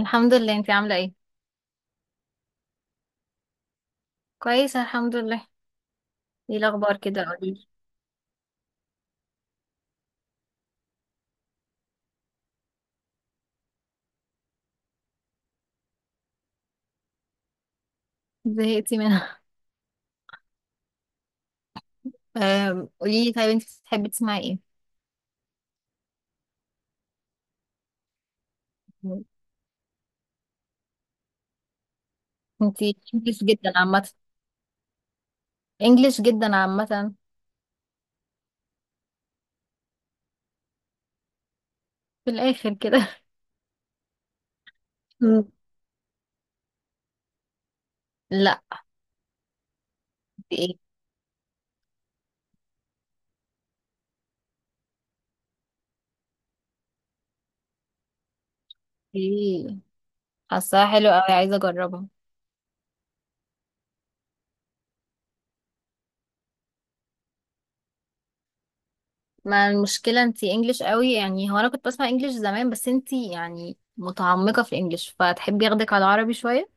الحمد لله، انتي عاملة ايه؟ كويسة الحمد لله. ايه الأخبار كده قوليلي؟ زهقتي منها؟ قوليلي، طيب انتي بتحبي تسمعي ايه؟ انتي انجلش جدا عامة. انجلش جدا عامة. في الآخر كده؟ مم. لا. ايه. ايه، حاساها حلوة اوي، عايزة اجربها. ما المشكلة انتي انجلش قوي، يعني هو انا كنت بسمع انجلش زمان، بس انتي يعني متعمقة في الانجلش، فتحبي ياخدك على العربي شوية.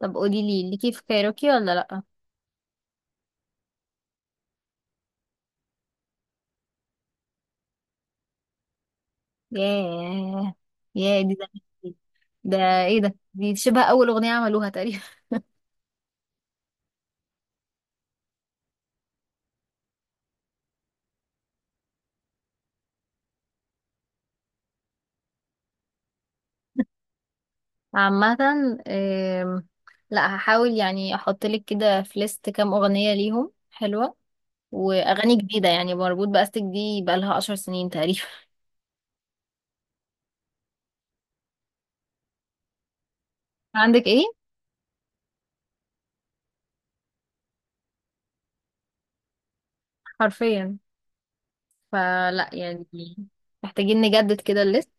طب قوليلي ليكي في كايروكي ولا لأ؟ ياه. ياه دي زمان. ده ايه ده، دي شبه اول اغنية عملوها تقريبا. عامة، آم، لا هحاول يعني احط لك كده في ليست كام اغنية ليهم حلوة واغاني جديدة. يعني مربوط باستك دي بقالها عشر سنين تقريبا. عندك ايه؟ حرفيا. فلا يعني محتاجين نجدد كده الليست.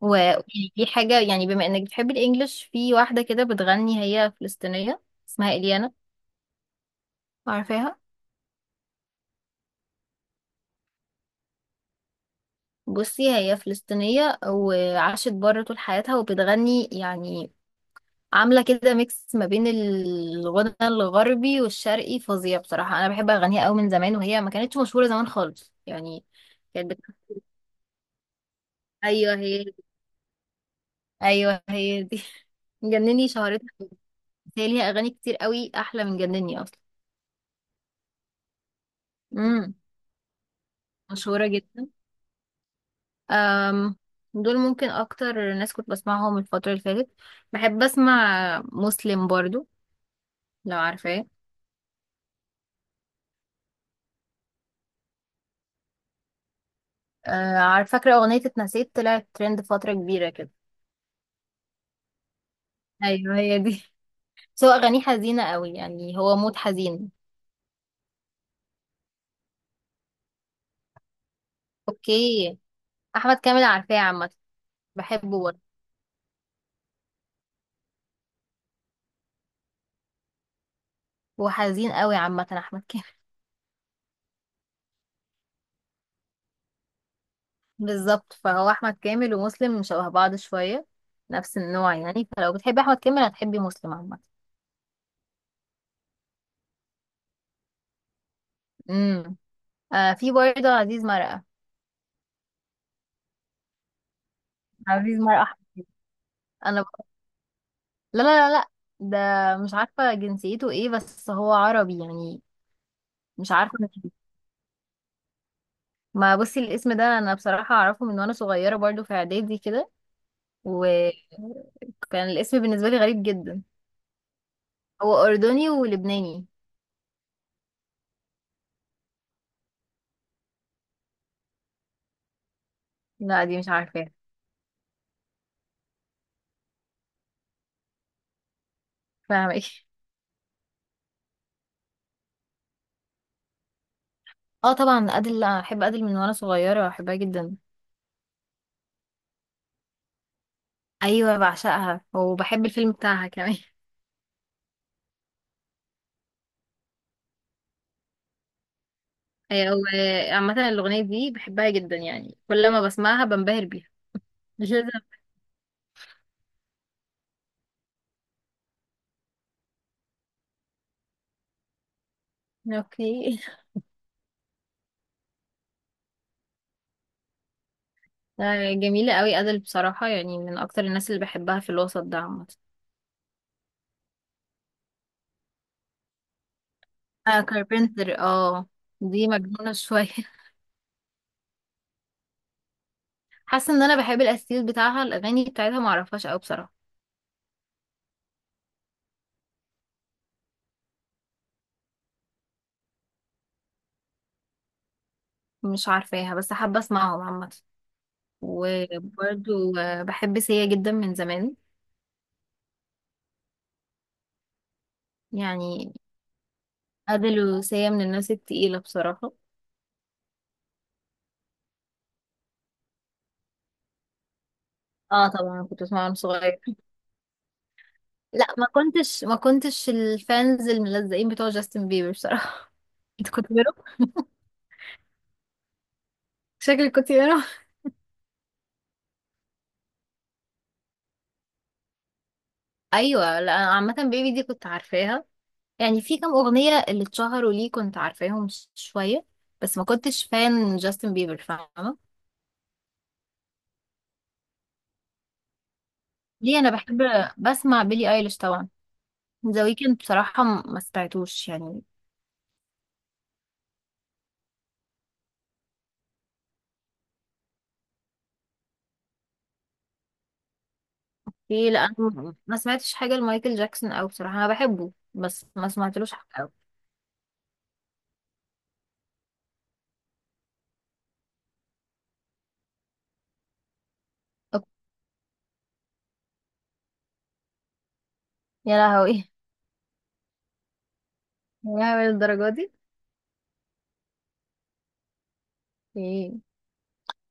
وفي حاجة، يعني بما انك بتحبي الانجليش، في واحدة كده بتغني هي فلسطينية اسمها اليانا، عارفاها؟ بصي هي فلسطينية وعاشت بره طول حياتها، وبتغني يعني عاملة كده ميكس ما بين الغنى الغربي والشرقي فظيع. بصراحة أنا بحب أغانيها أوي من زمان، وهي ما كانتش مشهورة زمان خالص يعني. كانت بت... أيوه هي دي. أيوه هي دي. جنني شهرتها، بس هي ليها أغاني كتير أوي أحلى من جنني أصلا. امم. مشهورة جدا. أم... دول ممكن أكتر ناس كنت بسمعهم الفترة اللي فاتت. بحب أسمع مسلم برضو، لو عارفاه. أه... عارف- فاكرة أغنية اتنسيت؟ طلعت ترند فترة كبيرة كده. أيوه هي دي. بس هو أغانيه حزينة قوي، يعني هو مود حزين. أوكي. أحمد كامل عارفاه عامة، بحبه برضه. هو حزين قوي عامة أحمد كامل. بالظبط، فهو أحمد كامل ومسلم شبه بعض شوية، نفس النوع. يعني فلو بتحبي أحمد كامل هتحبي مسلم عامة. امم. آه، في برضه عزيز مرقة. عزيز مرقة أحمد، أنا ب... لا، ده مش عارفة جنسيته إيه، بس هو عربي يعني. مش عارفة. ما بصي الاسم ده أنا بصراحة أعرفه من وأنا صغيرة، برضه في إعدادي كده. وكان الاسم بالنسبة لي غريب جدا. هو أردني ولبناني. لا دي مش عارفاه. فاهمة. ايه؟ اه طبعا أدل، لا أحب أدل من وأنا صغيرة، بحبها جدا. أيوة بعشقها، وبحب الفيلم بتاعها كمان. أيوة، وعامة الأغنية دي بحبها جدا، يعني كل ما بسمعها بنبهر بيها. مش لازم. اوكي. جميلة قوي أدل بصراحة، يعني من أكتر الناس اللي بحبها في الوسط ده عامة. آه كاربنتر، اه. دي مجنونة شوية. حاسه ان انا بحب الاستيل بتاعها، الاغاني بتاعتها ما اعرفهاش قوي بصراحه. مش عارفاها بس حابه اسمعهم عامه. وبرضو بحب سيا جدا من زمان يعني. ادل وسيا من الناس التقيله بصراحه. اه طبعا كنت بسمعها وانا صغير. لا ما كنتش، ما كنتش الفانز الملزقين بتوع جاستن بيبر بصراحه. انت كنت بيرو، شكلك كنت بيرو. ايوه، لا أنا عامه بيبي دي كنت عارفاها، يعني في كام اغنيه اللي اتشهروا ليه كنت عارفاهم شويه، بس ما كنتش فان جاستن بيبر، فاهمه؟ ليه؟ انا بحب بسمع بيلي ايليش طبعا. ذا ويكند بصراحه ما سمعتوش يعني. ايه، لا انا ما سمعتش حاجه لمايكل جاكسون. او بصراحه انا بحبه بس ما سمعتلوش حاجه أوي. أوك. يا لهوي. يا لهوي الدرجه دي. ايه.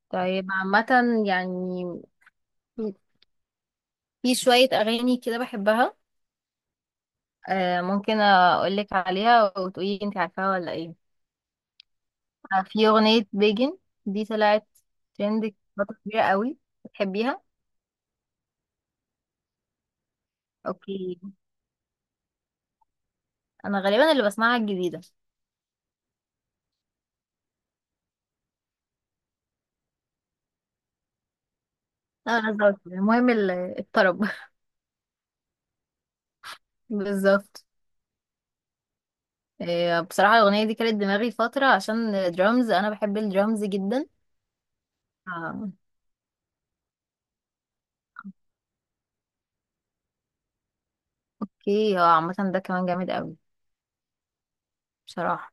طيب عامه، يعني في في شويه اغاني كده بحبها. آه ممكن اقول لك عليها وتقولي انت عارفاها ولا ايه. في اغنيه بيجن، دي طلعت ترند فتره كبيره قوي. بتحبيها؟ اوكي. انا غالبا اللي بسمعها الجديده. لا بالظبط، المهم الطرب. بالظبط. إيه، بصراحة الأغنية دي كانت دماغي فترة عشان درامز، أنا بحب الدرامز جدا. آه. اوكي، اه عامة ده كمان جامد قوي بصراحة.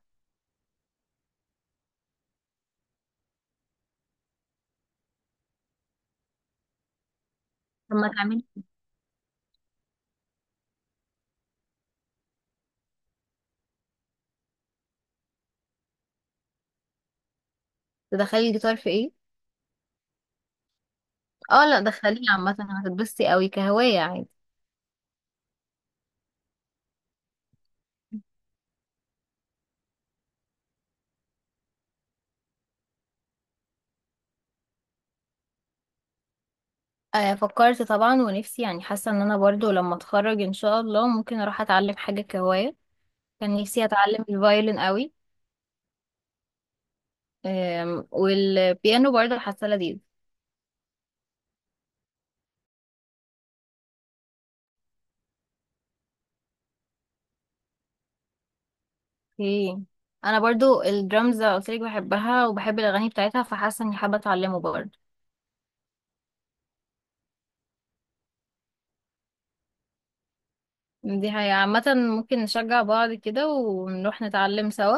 لما تعملي تدخلي الجيتار في ايه؟ اه لا دخليه عامة، هتتبسطي قوي كهواية عادي. آه فكرت طبعا، ونفسي يعني، حاسة ان انا برضو لما اتخرج ان شاء الله ممكن اروح اتعلم حاجة كهواية. كان نفسي اتعلم الفايولين قوي. والبيانو برضو حاسة لذيذ. اوكي، انا برضو الدرامز قلت لك بحبها وبحب الاغاني بتاعتها، فحاسه اني حابه اتعلمه برضو. دي هي عامه، ممكن نشجع بعض كده ونروح نتعلم سوا.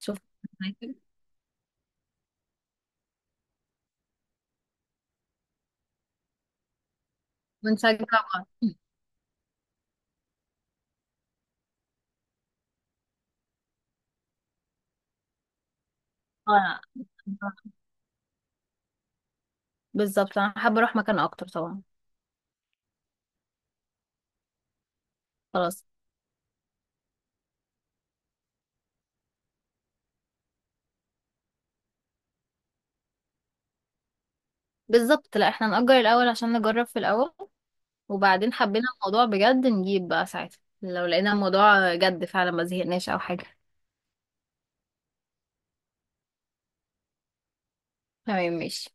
شوف. ونشجع بعض. آه، بالظبط انا حابه اروح مكان اكتر طبعا. خلاص، بالظبط، لا احنا نأجر الاول عشان نجرب في الاول، وبعدين حبينا الموضوع بجد نجيب بقى ساعتها، لو لقينا الموضوع جد فعلا ما زهقناش او حاجه. تمام ماشي.